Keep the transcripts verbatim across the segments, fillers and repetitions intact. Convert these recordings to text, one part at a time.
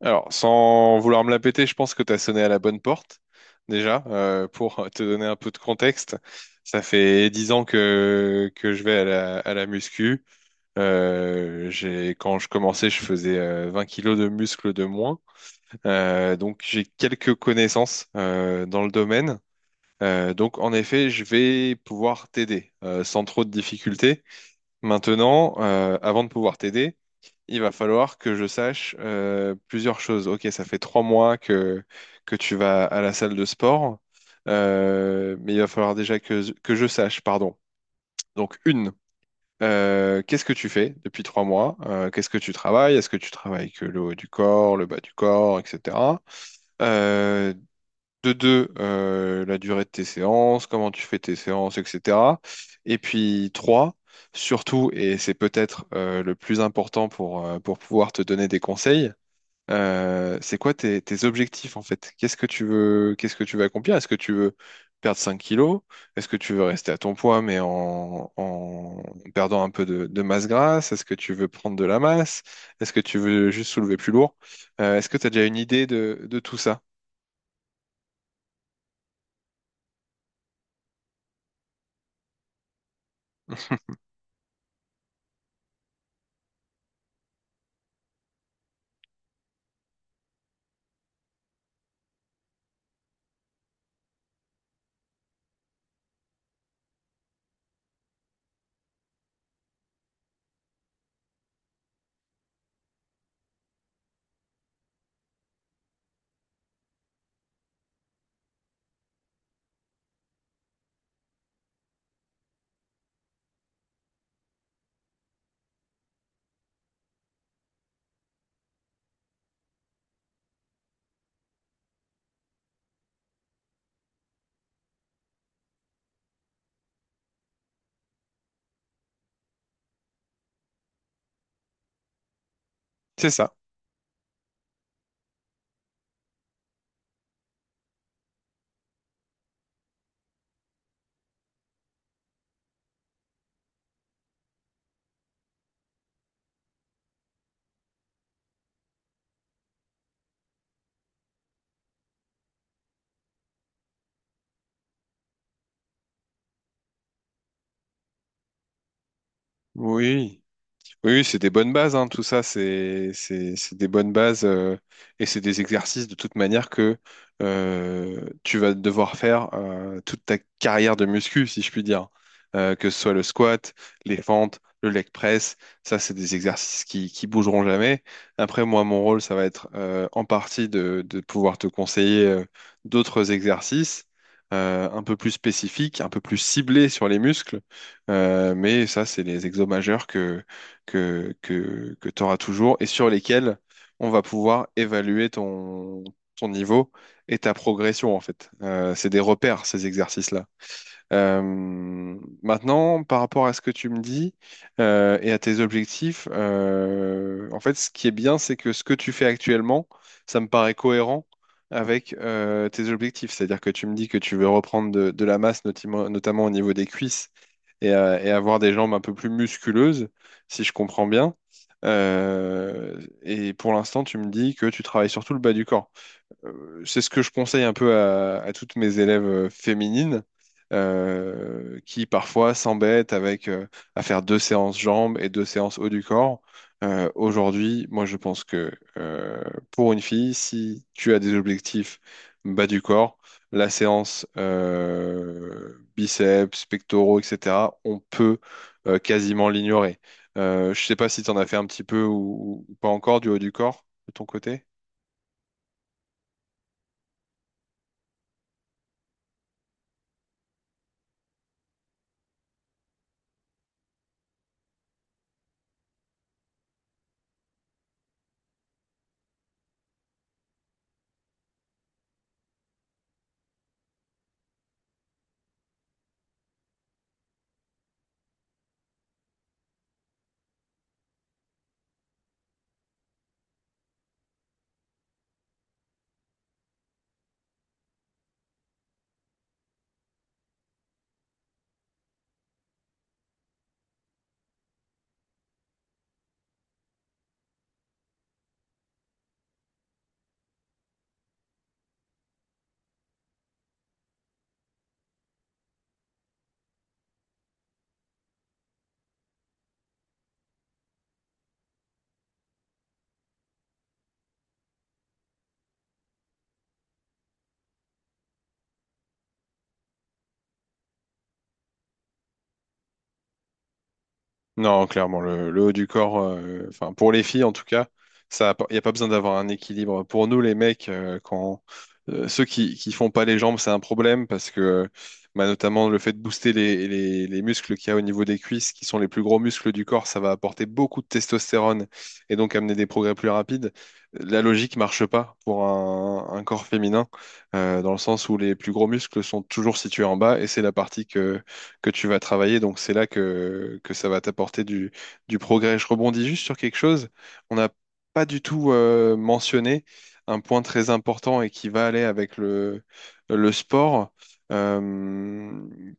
Alors, sans vouloir me la péter, je pense que tu as sonné à la bonne porte, déjà, euh, pour te donner un peu de contexte. Ça fait dix ans que, que je vais à la, à la muscu. Euh, j'ai, quand je commençais, je faisais euh, vingt kilos de muscles de moins. Euh, donc, j'ai quelques connaissances euh, dans le domaine. Euh, donc, en effet, je vais pouvoir t'aider euh, sans trop de difficultés. Maintenant, euh, avant de pouvoir t'aider, il va falloir que je sache euh, plusieurs choses. Ok, ça fait trois mois que, que tu vas à la salle de sport, euh, mais il va falloir déjà que, que je sache, pardon. Donc, une, euh, qu'est-ce que tu fais depuis trois mois? Euh, qu'est-ce que tu travailles? Est-ce que tu travailles que le haut du corps, le bas du corps, et cetera. Euh, de deux, euh, la durée de tes séances, comment tu fais tes séances, et cetera. Et puis trois, surtout, et c'est peut-être euh, le plus important pour, euh, pour pouvoir te donner des conseils, euh, c'est quoi tes, tes objectifs en fait? Qu'est-ce que tu veux, qu'est-ce que tu veux accomplir? Est-ce que tu veux perdre cinq kilos? Est-ce que tu veux rester à ton poids mais en, en perdant un peu de, de masse grasse? Est-ce que tu veux prendre de la masse? Est-ce que tu veux juste soulever plus lourd? Euh, est-ce que tu as déjà une idée de, de tout ça? C'est ça. Oui, oui, oui, c'est des bonnes bases, hein, tout ça, c'est c'est- c'est des bonnes bases euh, et c'est des exercices de toute manière que euh, tu vas devoir faire euh, toute ta carrière de muscu, si je puis dire. Euh, que ce soit le squat, les fentes, le leg press, ça, c'est des exercices qui, qui bougeront jamais. Après, moi, mon rôle, ça va être euh, en partie de, de pouvoir te conseiller euh, d'autres exercices euh, un peu plus spécifiques, un peu plus ciblés sur les muscles. Euh, mais ça, c'est les exos majeurs que, que, que tu auras toujours et sur lesquels on va pouvoir évaluer ton, ton niveau et ta progression en fait. Euh, c'est des repères, ces exercices-là. Euh, maintenant, par rapport à ce que tu me dis euh, et à tes objectifs, euh, en fait, ce qui est bien, c'est que ce que tu fais actuellement, ça me paraît cohérent avec euh, tes objectifs. C'est-à-dire que tu me dis que tu veux reprendre de, de la masse, notamment, notamment au niveau des cuisses, et, euh, et avoir des jambes un peu plus musculeuses, si je comprends bien. Euh, et pour l'instant, tu me dis que tu travailles surtout le bas du corps. Euh, c'est ce que je conseille un peu à, à toutes mes élèves euh, féminines euh, qui parfois s'embêtent avec euh, à faire deux séances jambes et deux séances haut du corps. Euh, aujourd'hui, moi je pense que euh, pour une fille, si tu as des objectifs bas du corps, la séance euh, biceps, pectoraux, et cetera, on peut euh, quasiment l'ignorer. Euh, je sais pas si tu en as fait un petit peu ou, ou pas encore du haut du corps de ton côté. Non, clairement, le, le haut du corps, euh, enfin pour les filles en tout cas, ça, il n'y a pas besoin d'avoir un équilibre. Pour nous, les mecs, euh, quand euh, ceux qui, qui font pas les jambes, c'est un problème parce que euh, bah, notamment le fait de booster les, les, les muscles qu'il y a au niveau des cuisses, qui sont les plus gros muscles du corps, ça va apporter beaucoup de testostérone et donc amener des progrès plus rapides. La logique marche pas pour un, un corps féminin, euh, dans le sens où les plus gros muscles sont toujours situés en bas et c'est la partie que que tu vas travailler. Donc c'est là que, que ça va t'apporter du, du progrès. Je rebondis juste sur quelque chose. On n'a pas du tout euh, mentionné un point très important et qui va aller avec le, le sport. Euh,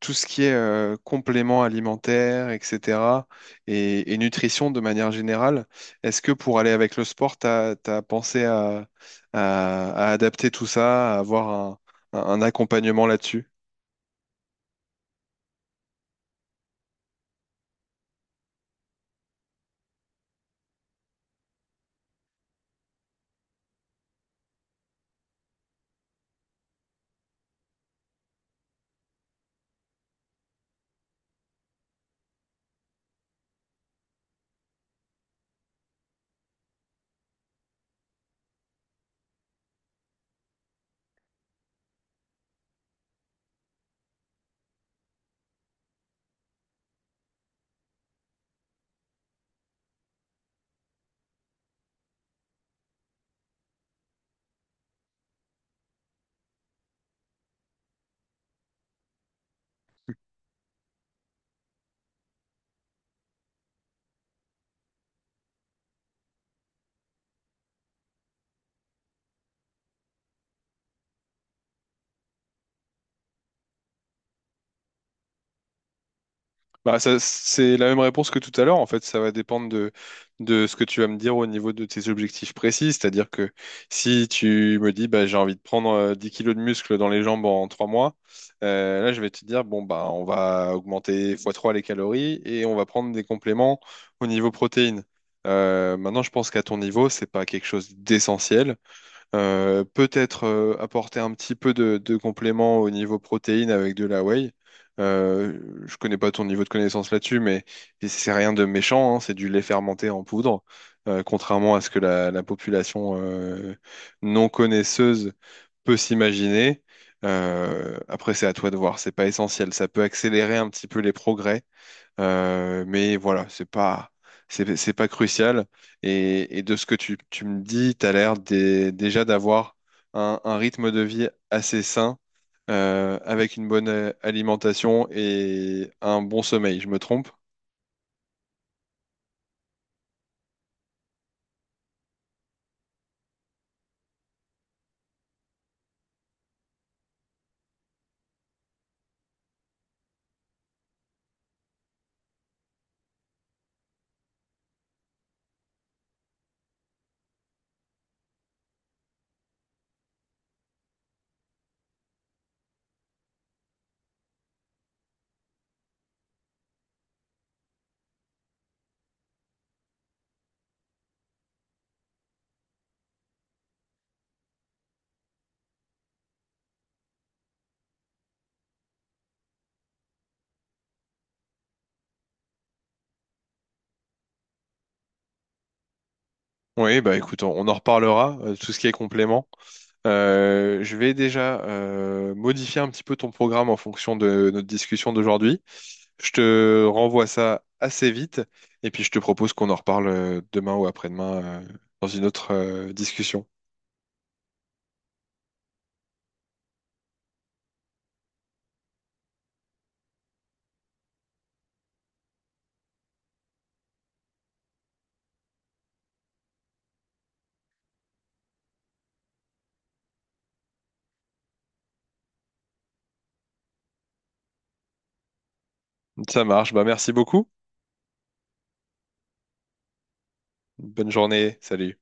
Tout ce qui est euh, compléments alimentaires, et cetera, et, et nutrition de manière générale. Est-ce que pour aller avec le sport, tu as pensé à, à- à adapter tout ça, à avoir un, un un accompagnement là-dessus? Bah, ça, c'est la même réponse que tout à l'heure. En fait, ça va dépendre de, de ce que tu vas me dire au niveau de tes objectifs précis. C'est-à-dire que si tu me dis, bah, j'ai envie de prendre euh, dix kilos de muscles dans les jambes en trois mois, euh, là, je vais te dire, bon, bah, on va augmenter x trois les calories et on va prendre des compléments au niveau protéines. Euh, maintenant, je pense qu'à ton niveau, c'est pas quelque chose d'essentiel. Euh, peut-être euh, apporter un petit peu de, de complément au niveau protéines avec de la whey. Euh, je connais pas ton niveau de connaissance là-dessus, mais c'est rien de méchant, hein, c'est du lait fermenté en poudre, euh, contrairement à ce que la, la population euh, non connaisseuse peut s'imaginer. Euh, après, c'est à toi de voir, c'est pas essentiel. Ça peut accélérer un petit peu les progrès euh, mais voilà, c'est pas, c'est, c'est pas crucial. Et, et de ce que tu, tu me dis, tu as l'air dé- déjà d'avoir un, un rythme de vie assez sain, euh, avec une bonne euh, alimentation et un bon sommeil. Je me trompe? Oui, bah écoute, on, on en reparlera, euh, tout ce qui est complément. Euh, je vais déjà euh, modifier un petit peu ton programme en fonction de notre discussion d'aujourd'hui. Je te renvoie ça assez vite et puis je te propose qu'on en reparle euh, demain ou après-demain euh, dans une autre euh, discussion. Ça marche, bah merci beaucoup. Bonne journée, salut.